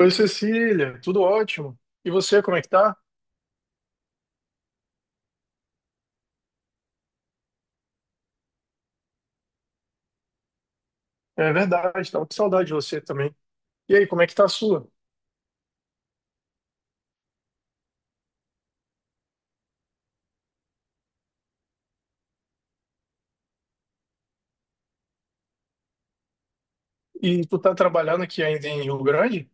Oi, Cecília, tudo ótimo. E você, como é que tá? É verdade, tava com saudade de você também. E aí, como é que tá a sua? E tu tá trabalhando aqui ainda em Rio Grande?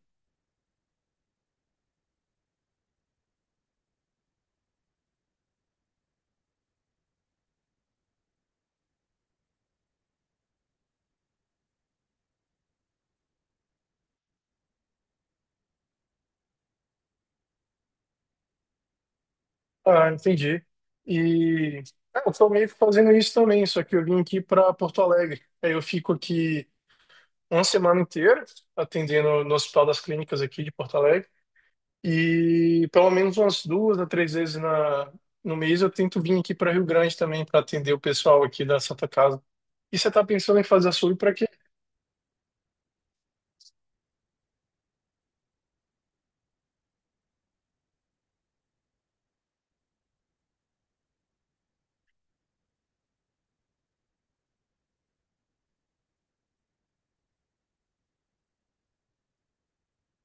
Ah, entendi. E eu tô meio que fazendo isso também, só que eu vim aqui para Porto Alegre. Aí eu fico aqui uma semana inteira atendendo no Hospital das Clínicas aqui de Porto Alegre. E pelo menos umas duas a três vezes no mês eu tento vir aqui para Rio Grande também para atender o pessoal aqui da Santa Casa. E você está pensando em fazer açougue para quê?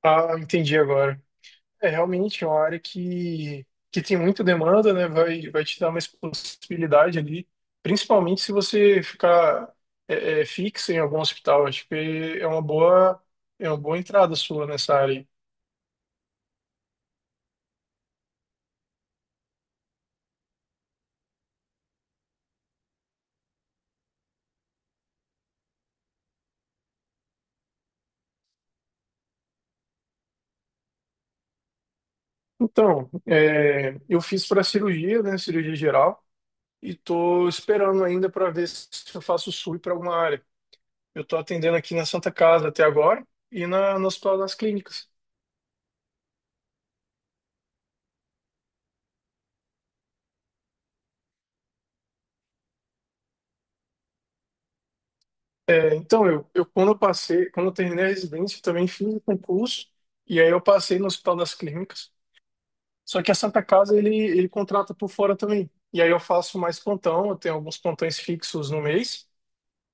Ah, entendi agora. É realmente é uma área que tem muita demanda, né? Vai te dar mais possibilidade ali, principalmente se você ficar fixo em algum hospital. Acho que é uma boa, é uma boa entrada sua nessa área. Aí. Então, é, eu fiz para cirurgia, né? Cirurgia geral. E tô esperando ainda para ver se eu faço SUI para alguma área. Eu tô atendendo aqui na Santa Casa até agora e no Hospital das Clínicas. É. Então, eu quando eu passei, quando eu terminei a residência, eu também fiz o concurso e aí eu passei no Hospital das Clínicas. Só que a Santa Casa ele contrata por fora também. E aí eu faço mais plantão, eu tenho alguns plantões fixos no mês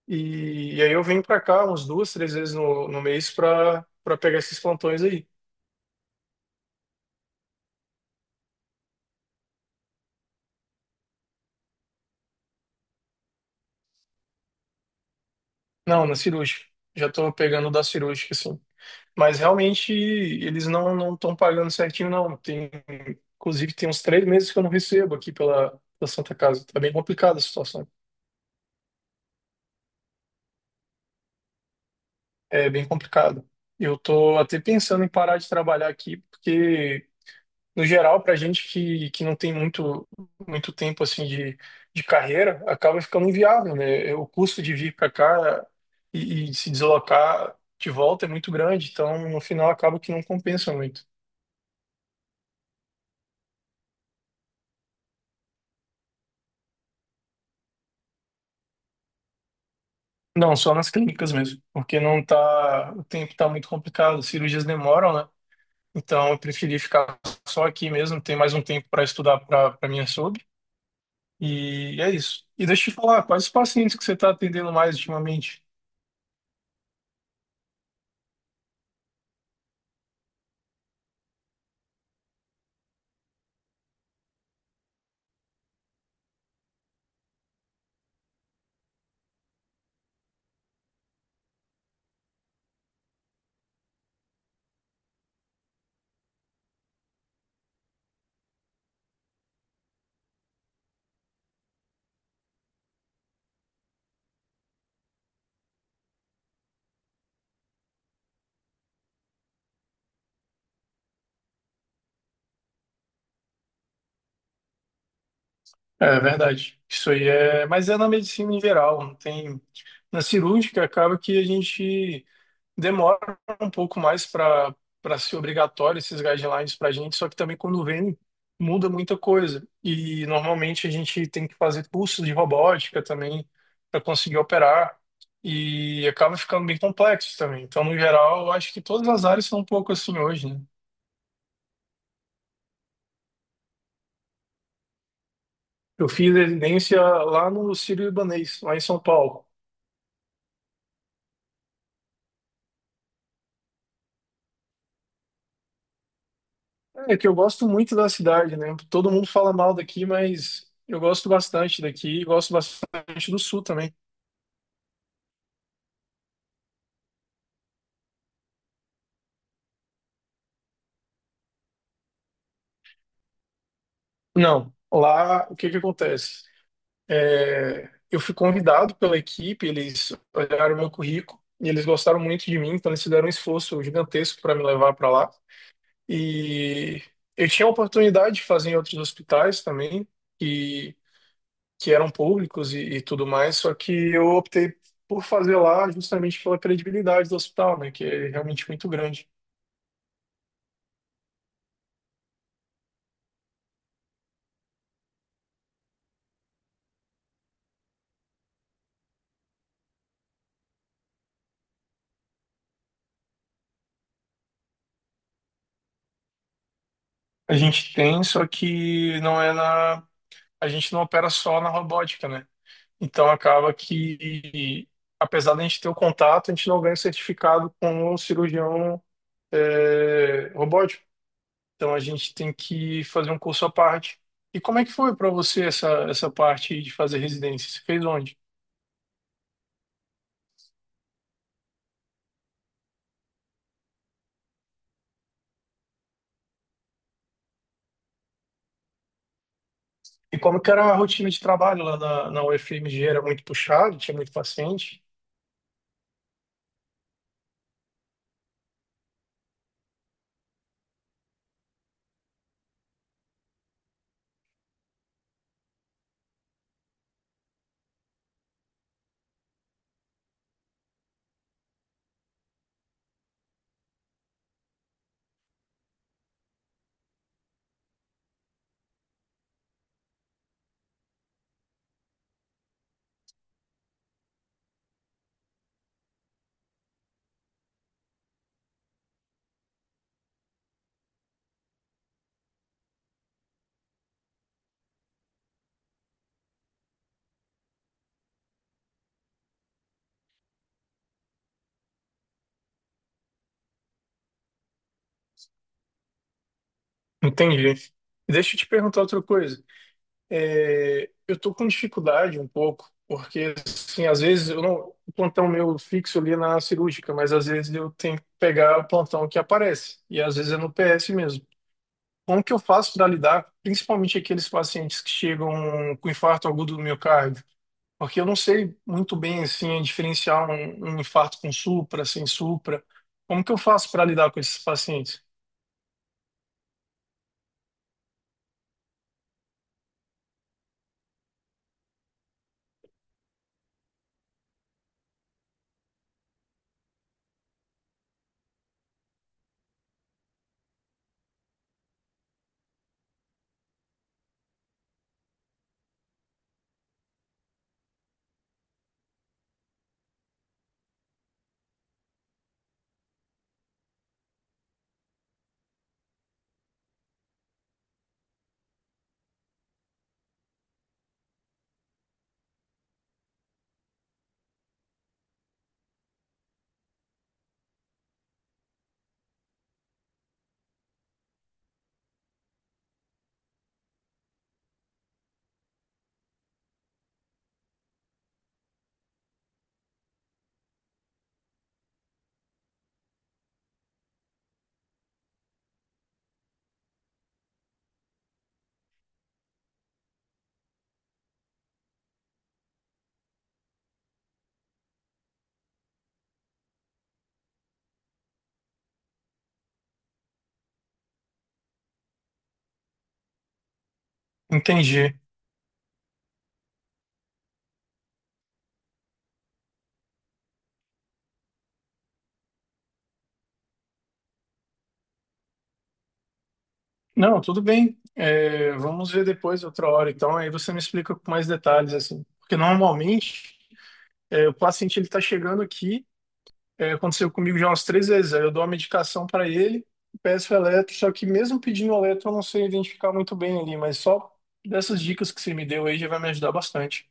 e aí eu venho para cá umas duas, três vezes no mês para pegar esses plantões aí. Não, na cirúrgica. Já tô pegando da cirúrgica, assim. Mas realmente eles não estão pagando certinho, não. Tem, inclusive, tem uns três meses que eu não recebo aqui pela Santa Casa. Tá bem complicada a situação. É bem complicado. Eu tô até pensando em parar de trabalhar aqui, porque, no geral, para gente que não tem muito tempo assim de carreira, acaba ficando inviável, né? O custo de vir para cá e se deslocar de volta é muito grande, então no final acaba que não compensa muito. Não, só nas clínicas mesmo, porque não tá, o tempo tá muito complicado, as cirurgias demoram, né? Então eu preferi ficar só aqui mesmo, ter mais um tempo para estudar para minha sub, e é isso. E deixa eu te falar, quais os pacientes que você está atendendo mais ultimamente? É verdade. Isso aí é, mas é na medicina em geral, não tem na cirúrgica acaba que a gente demora um pouco mais para ser obrigatório esses guidelines para a gente, só que também quando vem muda muita coisa. E normalmente a gente tem que fazer cursos de robótica também para conseguir operar e acaba ficando bem complexo também. Então, no geral, eu acho que todas as áreas são um pouco assim hoje, né? Eu fiz residência lá no Sírio-Libanês, lá em São Paulo. É que eu gosto muito da cidade, né? Todo mundo fala mal daqui, mas eu gosto bastante daqui, e gosto bastante do sul também. Não, lá o que que acontece? É, eu fui convidado pela equipe, eles olharam meu currículo e eles gostaram muito de mim, então eles fizeram um esforço gigantesco para me levar para lá. E eu tinha a oportunidade de fazer em outros hospitais também, e, que eram públicos e tudo mais, só que eu optei por fazer lá justamente pela credibilidade do hospital, né, que é realmente muito grande. A gente tem, só que não é na, a gente não opera só na robótica, né? Então acaba que, apesar da gente ter o contato, a gente não ganha o certificado com o cirurgião é, robótico. Então a gente tem que fazer um curso à parte. E como é que foi para você essa parte de fazer residência? Você fez onde? E como que era a rotina de trabalho lá na UFMG? Era muito puxado, tinha muito paciente? Entendi. Deixa eu te perguntar outra coisa. É, eu tô com dificuldade um pouco, porque assim, às vezes eu não, o plantão meu fixo ali é na cirúrgica, mas às vezes eu tenho que pegar o plantão que aparece, e às vezes é no PS mesmo. Como que eu faço para lidar, principalmente aqueles pacientes que chegam com infarto agudo do miocárdio? Porque eu não sei muito bem assim diferenciar um infarto com supra, sem supra. Como que eu faço para lidar com esses pacientes? Entendi. Não, tudo bem. É, vamos ver depois outra hora. Então, aí você me explica com mais detalhes assim. Porque normalmente é, o paciente ele está chegando aqui. É, aconteceu comigo já umas três vezes. Aí eu dou a medicação para ele, peço eletro, só que mesmo pedindo eletro eu não sei identificar muito bem ali, mas só dessas dicas que você me deu aí já vai me ajudar bastante.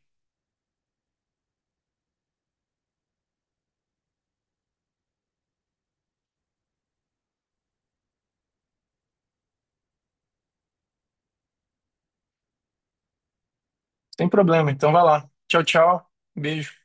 Sem problema, então vai lá. Tchau, tchau. Beijo.